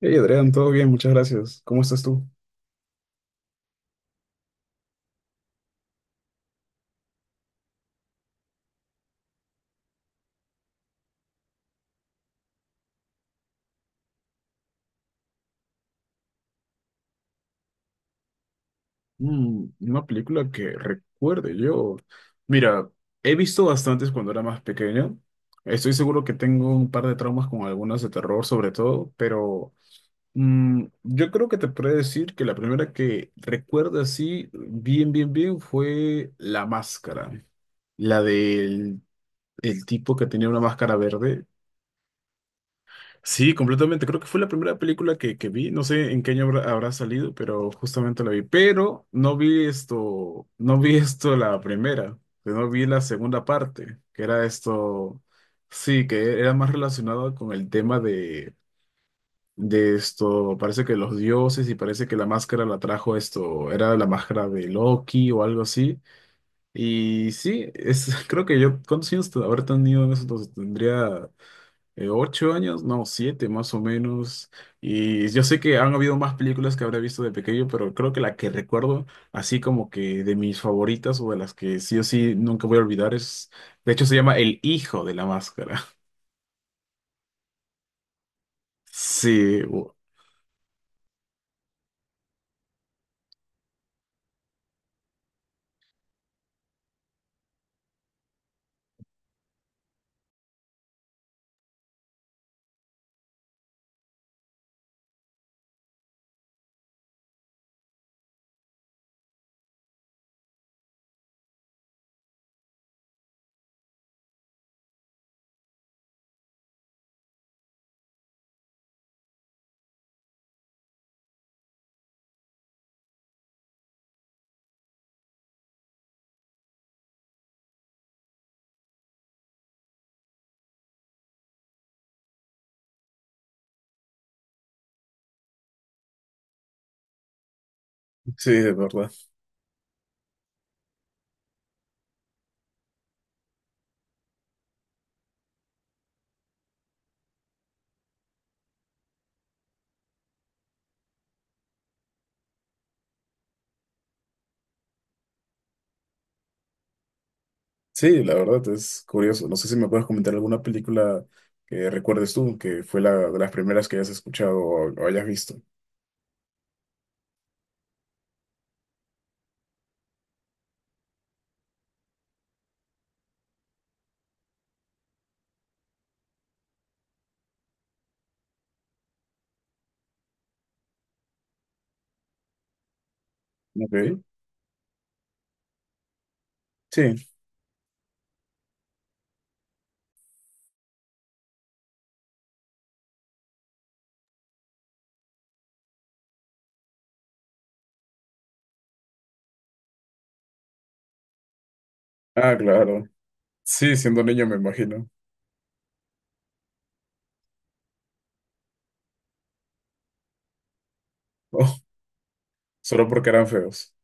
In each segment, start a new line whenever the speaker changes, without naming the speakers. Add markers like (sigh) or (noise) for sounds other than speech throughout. Hey Adrián, todo bien, muchas gracias. ¿Cómo estás tú? Una película que recuerde yo. Mira, he visto bastantes cuando era más pequeño. Estoy seguro que tengo un par de traumas con algunas de terror sobre todo, pero yo creo que te podría decir que la primera que recuerdo así bien, bien, bien fue La Máscara. La del el tipo que tenía una máscara verde. Sí, completamente. Creo que fue la primera película que vi. No sé en qué año habrá salido, pero justamente la vi. Pero no vi esto la primera, que no vi la segunda parte, que era esto, sí, que era más relacionado con el tema de esto, parece que los dioses y parece que la máscara la trajo esto, era la máscara de Loki o algo así. Y sí, (laughs) creo que yo, ¿cuántos años habré tenido en eso? Entonces, tendría 8 años, no, 7 más o menos. Y yo sé que han habido más películas que habrá visto de pequeño, pero creo que la que recuerdo, así como que de mis favoritas o de las que sí o sí nunca voy a olvidar, es, de hecho se llama El Hijo de la Máscara. (laughs) Sí, sí, de verdad. Sí, la verdad es curioso. No sé si me puedes comentar alguna película que recuerdes tú, que fue la de las primeras que hayas escuchado o hayas visto. Ok, sí. Ah, claro. Sí, siendo niño me imagino. (laughs) Oh, solo porque eran feos.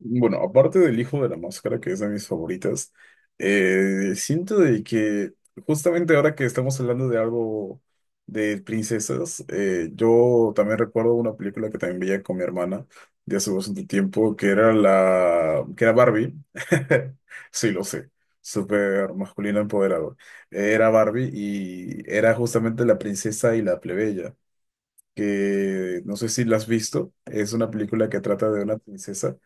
Bueno, aparte del Hijo de la Máscara, que es de mis favoritas, siento de que justamente ahora que estamos hablando de algo de princesas, yo también recuerdo una película que también veía con mi hermana de hace bastante tiempo, que era la, que era Barbie. (laughs) Sí, lo sé, súper masculino empoderado. Era Barbie y era justamente la princesa y la plebeya que no sé si la has visto, es una película que trata de una princesa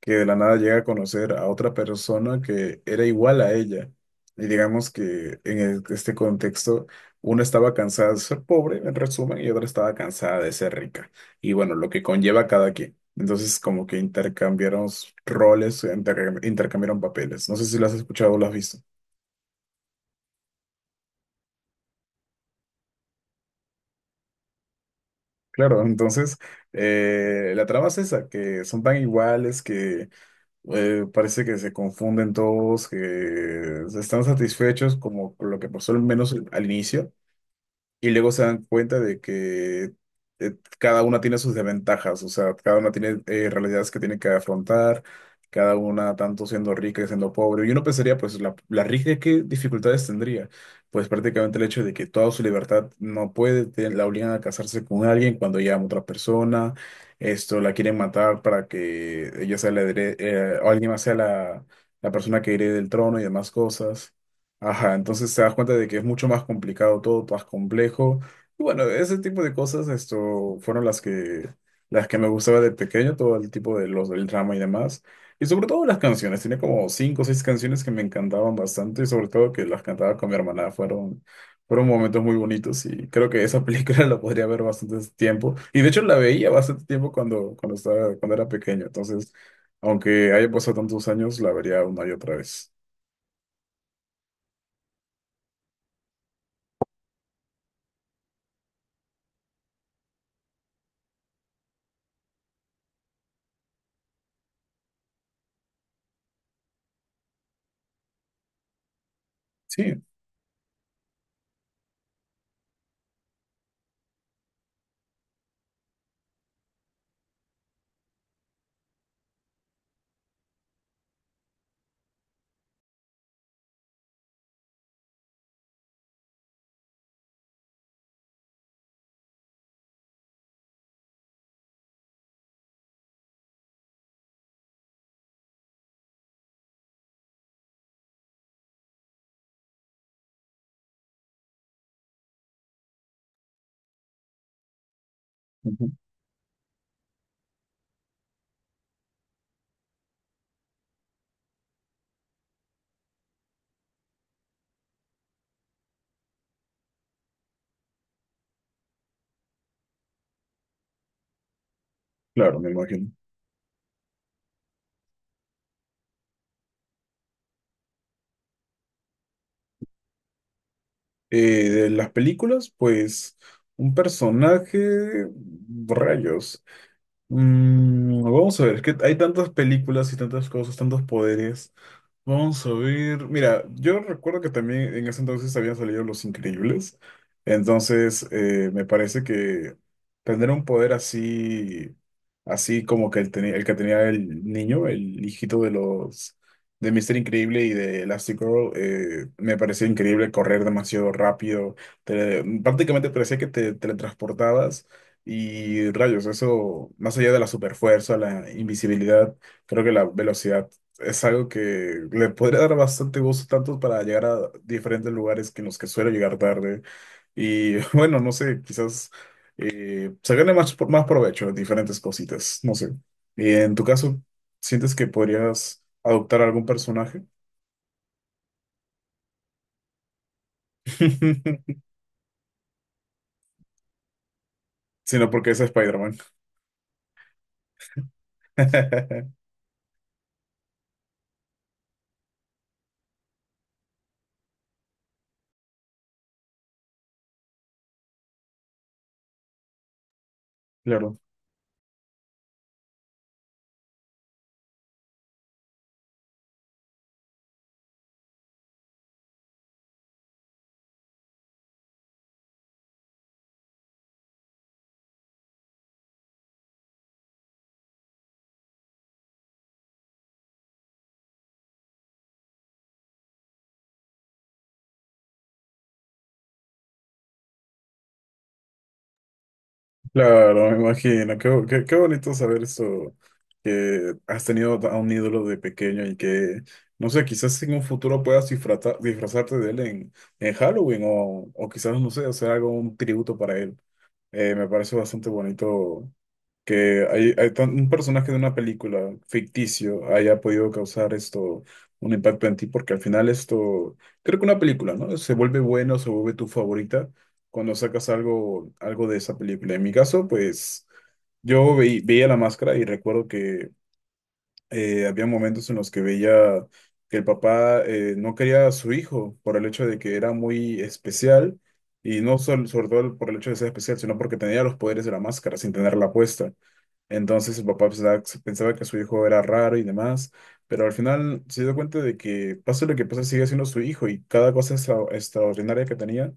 que de la nada llega a conocer a otra persona que era igual a ella. Y digamos que en este contexto, una estaba cansada de ser pobre, en resumen, y otra estaba cansada de ser rica. Y bueno, lo que conlleva a cada quien. Entonces, como que intercambiaron roles, intercambiaron papeles. No sé si lo has escuchado o lo has visto. Claro, entonces la trama es esa, que son tan iguales que parece que se confunden todos, que están satisfechos como con lo que pasó al menos al inicio. Y luego se dan cuenta de que cada una tiene sus desventajas, o sea, cada una tiene realidades que tiene que afrontar, cada una tanto siendo rica y siendo pobre. Y uno pensaría, pues, la rica, ¿qué dificultades tendría? Pues prácticamente el hecho de que toda su libertad no puede, la obligan a casarse con alguien cuando ella ama a otra persona, esto, la quieren matar para que ella sea o alguien más sea la persona que herede el trono y demás cosas. Ajá, entonces te das cuenta de que es mucho más complicado todo, más complejo. Y bueno, ese tipo de cosas, esto, fueron las que me gustaba de pequeño, todo el tipo de los del drama y demás. Y sobre todo las canciones, tenía como cinco o seis canciones que me encantaban bastante, y sobre todo que las cantaba con mi hermana, fueron momentos muy bonitos y creo que esa película (laughs) la podría ver bastante tiempo. Y de hecho la veía bastante tiempo cuando era pequeño, entonces, aunque haya pasado tantos años, la vería una y otra vez. Sí. Claro, me imagino. De las películas, pues un personaje, rayos. Vamos a ver, es que hay tantas películas y tantas cosas, tantos poderes. Vamos a ver. Mira, yo recuerdo que también en ese entonces habían salido Los Increíbles. Entonces, me parece que tener un poder así, así como que el que tenía el niño, el hijito de los de Mister Increíble y de Elastigirl, me parecía increíble correr demasiado rápido. Prácticamente parecía que te teletransportabas. Y rayos, eso, más allá de la superfuerza, la invisibilidad, creo que la velocidad es algo que le podría dar bastante gusto tanto para llegar a diferentes lugares que en los que suelo llegar tarde. Y (laughs) bueno, no sé, quizás se gane más, más provecho de diferentes cositas, no sé. Y en tu caso, ¿sientes que podrías adoptar a algún personaje? (laughs) Sino porque es Spider-Man. (laughs) Claro. Claro, me imagino. Qué bonito saber eso, que has tenido a un ídolo de pequeño y que, no sé, quizás en un futuro puedas disfrazarte de él en Halloween o quizás, no sé, hacer algo, un tributo para él. Me parece bastante bonito que hay un personaje de una película ficticio haya podido causar esto, un impacto en ti, porque al final esto, creo que una película, ¿no? Se vuelve bueno, se vuelve tu favorita cuando sacas algo, algo de esa película. En mi caso, pues yo veía La Máscara y recuerdo que había momentos en los que veía que el papá no quería a su hijo por el hecho de que era muy especial y no sol- sobre todo por el hecho de ser especial, sino porque tenía los poderes de la máscara sin tenerla puesta. Entonces el papá pensaba que su hijo era raro y demás, pero al final se dio cuenta de que pase lo que pase sigue siendo su hijo y cada cosa extraordinaria que tenía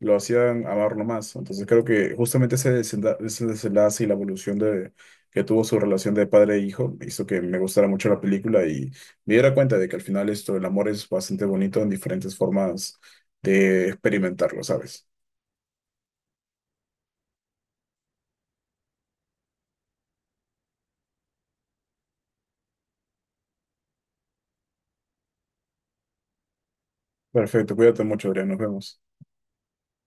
lo hacían amarlo más, ¿no? Entonces creo que justamente ese desenlace y la evolución que tuvo su relación de padre e hijo hizo que me gustara mucho la película y me diera cuenta de que al final esto, el amor es bastante bonito en diferentes formas de experimentarlo, ¿sabes? Perfecto, cuídate mucho, Adrián, nos vemos.